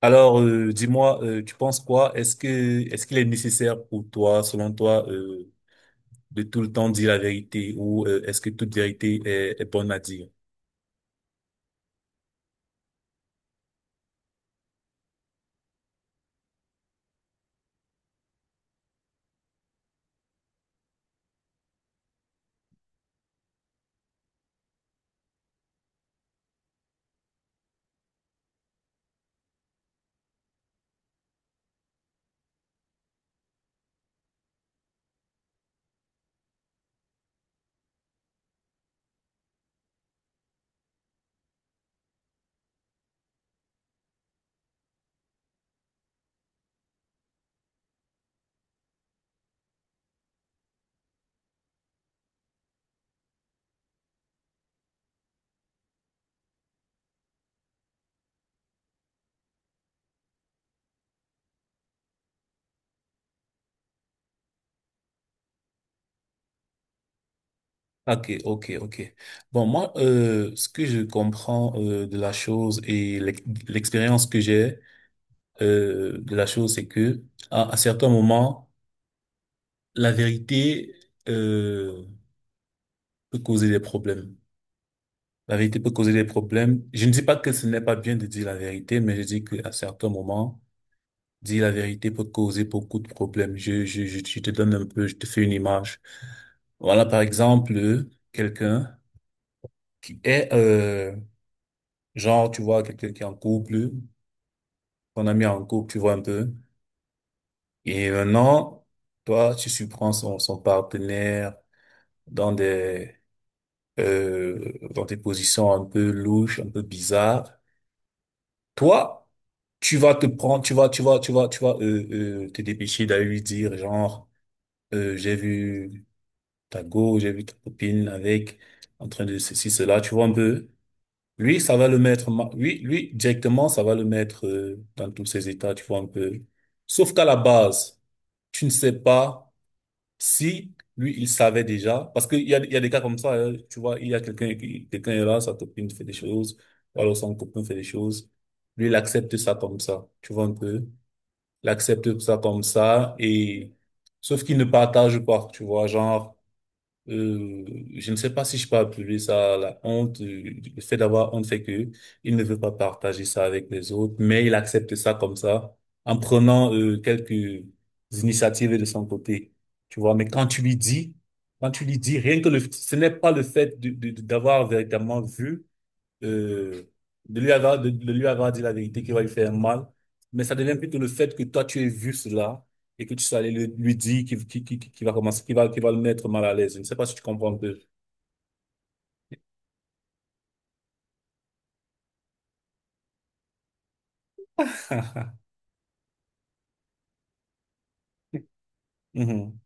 Dis-moi, tu penses quoi? Est-ce qu'il est nécessaire pour toi, selon toi, de tout le temps dire la vérité ou est-ce que toute vérité est bonne à dire? Ok, ok, ok. Bon, moi, ce que je comprends de la chose et l'expérience que j'ai de la chose, c'est que à certains moments, la vérité euh, peut causer des problèmes. La vérité peut causer des problèmes. Je ne dis pas que ce n'est pas bien de dire la vérité, mais je dis qu'à certains moments dire la vérité peut causer beaucoup de problèmes. Je te donne un peu, je te fais une image. Voilà, par exemple, quelqu'un qui est, genre, tu vois, quelqu'un qui est en couple, ton ami est en couple, tu vois un peu. Et maintenant, toi, tu surprends son, son partenaire dans des, dans des positions un peu louches, un peu bizarres. Toi, tu vas te prendre, tu vas, tu vas, tu vas, tu vas, te dépêcher d'aller lui dire, genre, j'ai vu ta go, j'ai vu ta copine avec, en train de ceci, cela, tu vois un peu. Lui, ça va le mettre, lui, lui, directement, ça va le mettre dans tous ses états, tu vois un peu. Sauf qu'à la base, tu ne sais pas si lui, il savait déjà, parce qu'il y a, il y a des cas comme ça, hein, tu vois, il y a quelqu'un, quelqu'un est là, sa copine fait des choses, ou alors son copain fait des choses. Lui, il accepte ça comme ça, tu vois un peu. Il accepte ça comme ça, et, sauf qu'il ne partage pas, tu vois, genre, euh, je ne sais pas si je peux appeler ça la honte, le fait d'avoir honte fait que il ne veut pas partager ça avec les autres, mais il accepte ça comme ça, en prenant quelques initiatives de son côté, tu vois. Mais quand tu lui dis, quand tu lui dis, rien que le, ce n'est pas le fait de, d'avoir véritablement vu, euh, de lui avoir dit la vérité qui va lui faire mal, mais ça devient plutôt le fait que toi, tu aies vu cela et que tu sois allé lui dire qui va commencer, qui va le mettre mal à l'aise. Je ne sais pas si tu comprends un peu. Mhm.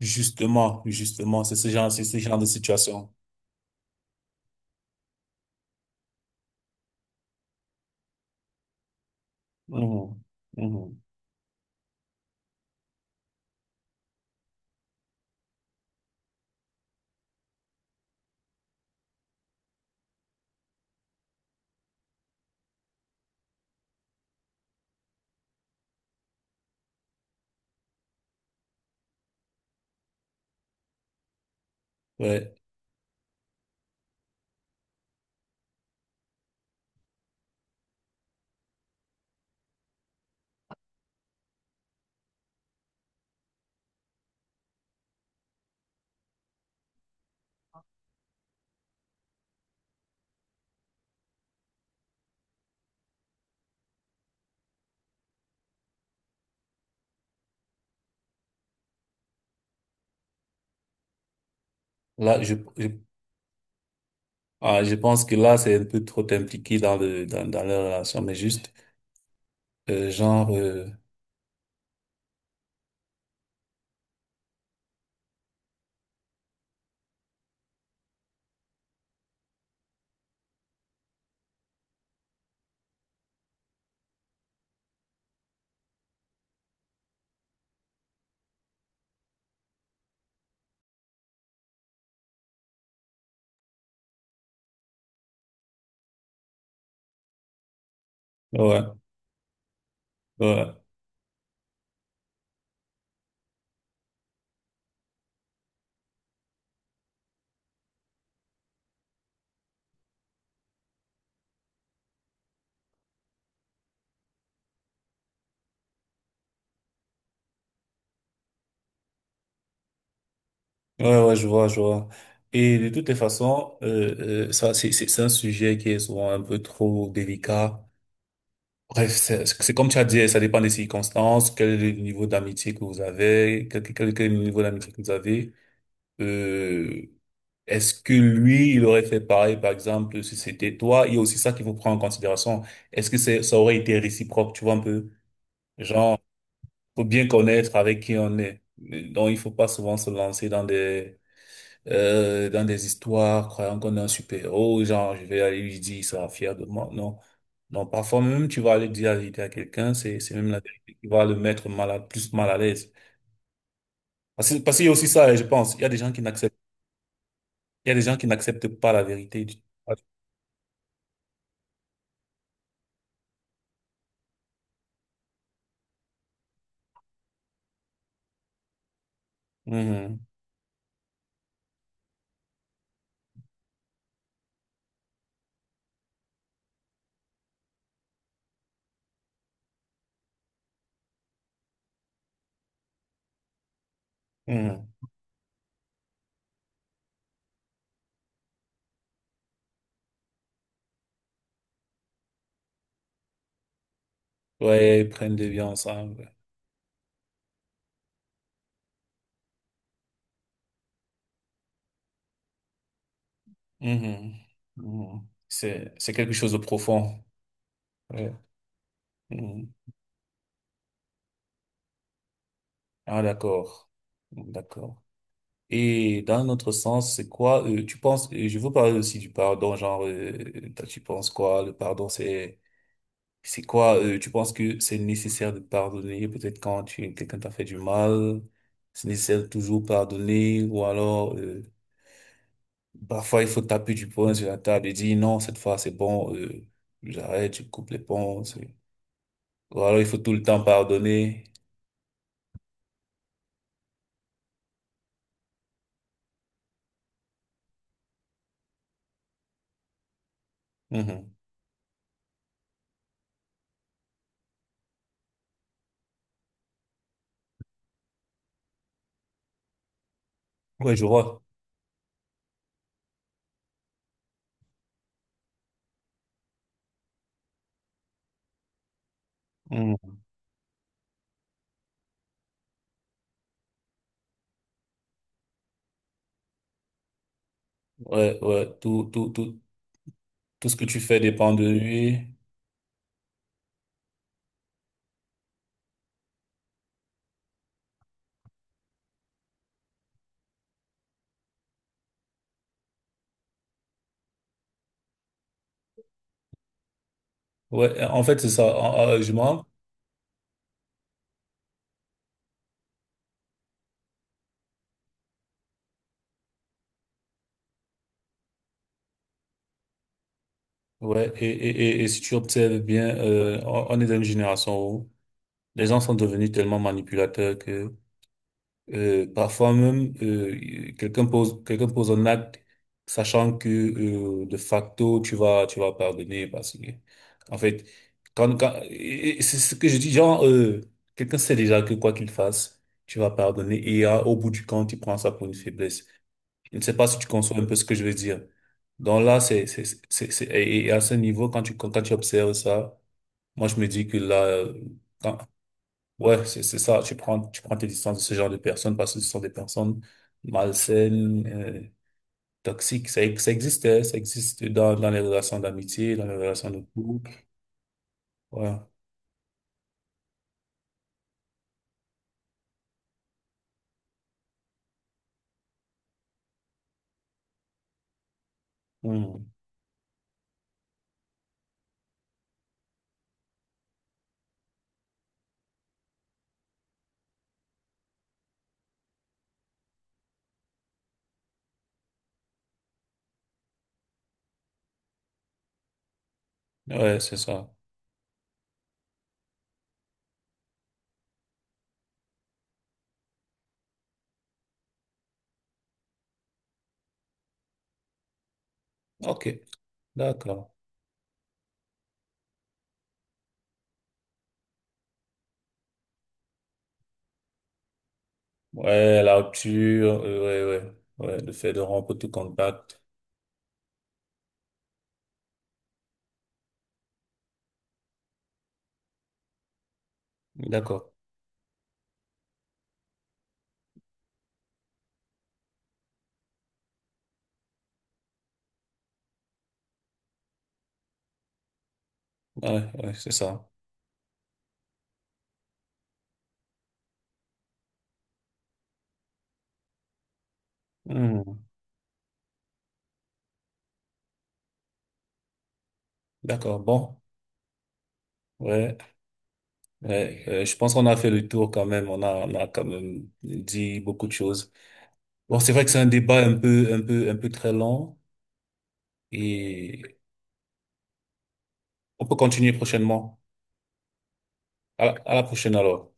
Justement, justement, c'est ce genre de situation. Mhm. Mhm. Ouais. Là, je pense que là, c'est un peu trop impliqué dans le, dans, dans la relation, mais juste, genre, ouais, ouais. Ouais, ouais, je vois, je vois. Et de toutes les façons, ça, c'est, c'est un sujet qui est souvent un peu trop délicat. Bref, c'est comme tu as dit, ça dépend des circonstances, quel est le niveau d'amitié que vous avez, quel est le niveau d'amitié que vous avez. Euh, est-ce que lui, il aurait fait pareil, par exemple, si c'était toi? Il y a aussi ça qu'il faut prendre en considération. Est-ce que c'est, ça aurait été réciproque, tu vois un peu? Genre, faut bien connaître avec qui on est. Donc, il faut pas souvent se lancer dans des histoires, croyant qu'on est un super-héros, genre, je vais aller lui dire, il sera fier de moi. Non. Non, parfois même, tu vas aller dire la vérité à quelqu'un, c'est même la vérité qui va le mettre plus mal à l'aise. Parce qu'il y a aussi ça, je pense. Il y a des gens qui n'acceptent pas la vérité. Du- Mhm, mhm. Ouais, ils prennent des vies ensemble. Mhm, mhm. C'est quelque chose de profond. Ouais. Mhm. Ah, d'accord. D'accord. Et dans notre sens, c'est quoi, tu penses, je veux parler aussi du pardon, genre, toi, tu penses quoi, le pardon, c'est quoi, tu penses que c'est nécessaire de pardonner, peut-être quand tu, quelqu'un t'a fait du mal, c'est nécessaire de toujours pardonner, ou alors, parfois, il faut taper du poing sur la table et dire, non, cette fois, c'est bon, j'arrête, je coupe les ponts, c'est- ou alors, il faut tout le temps pardonner. Mhm. Ouais, je vois. Mhm. Ouais, tout ce que tu fais dépend de lui. Ouais, en fait, c'est ça. Je manque. Ouais, et si tu observes bien, on est dans une génération où les gens sont devenus tellement manipulateurs que parfois même quelqu'un pose un acte sachant que de facto tu vas pardonner parce que en fait quand et c'est ce que je dis genre quelqu'un sait déjà que quoi qu'il fasse tu vas pardonner et au bout du compte il prend ça pour une faiblesse. Je ne sais pas si tu conçois un peu ce que je veux dire. Donc là, et à ce niveau, quand tu, quand quand tu observes ça, moi, je me dis que là, quand- ouais, c'est ça, tu prends tes distances de ce genre de personnes parce que ce sont des personnes malsaines, toxiques. Ça existait, ça existe dans, dans les relations d'amitié, dans les relations de couple. Ouais. Hmm. Ouais, c'est ça. OK. D'accord. Ouais, la rupture, ouais, ouais, ouais, le fait de rompre tout contact. D'accord. Ouais, ouais, c'est ça. Hmm, d'accord, bon. Ouais, ouais, je pense qu'on a fait le tour quand même. On a quand même dit beaucoup de choses. Bon, c'est vrai que c'est un débat un peu, un peu, un peu très long et on peut continuer prochainement. À la prochaine alors.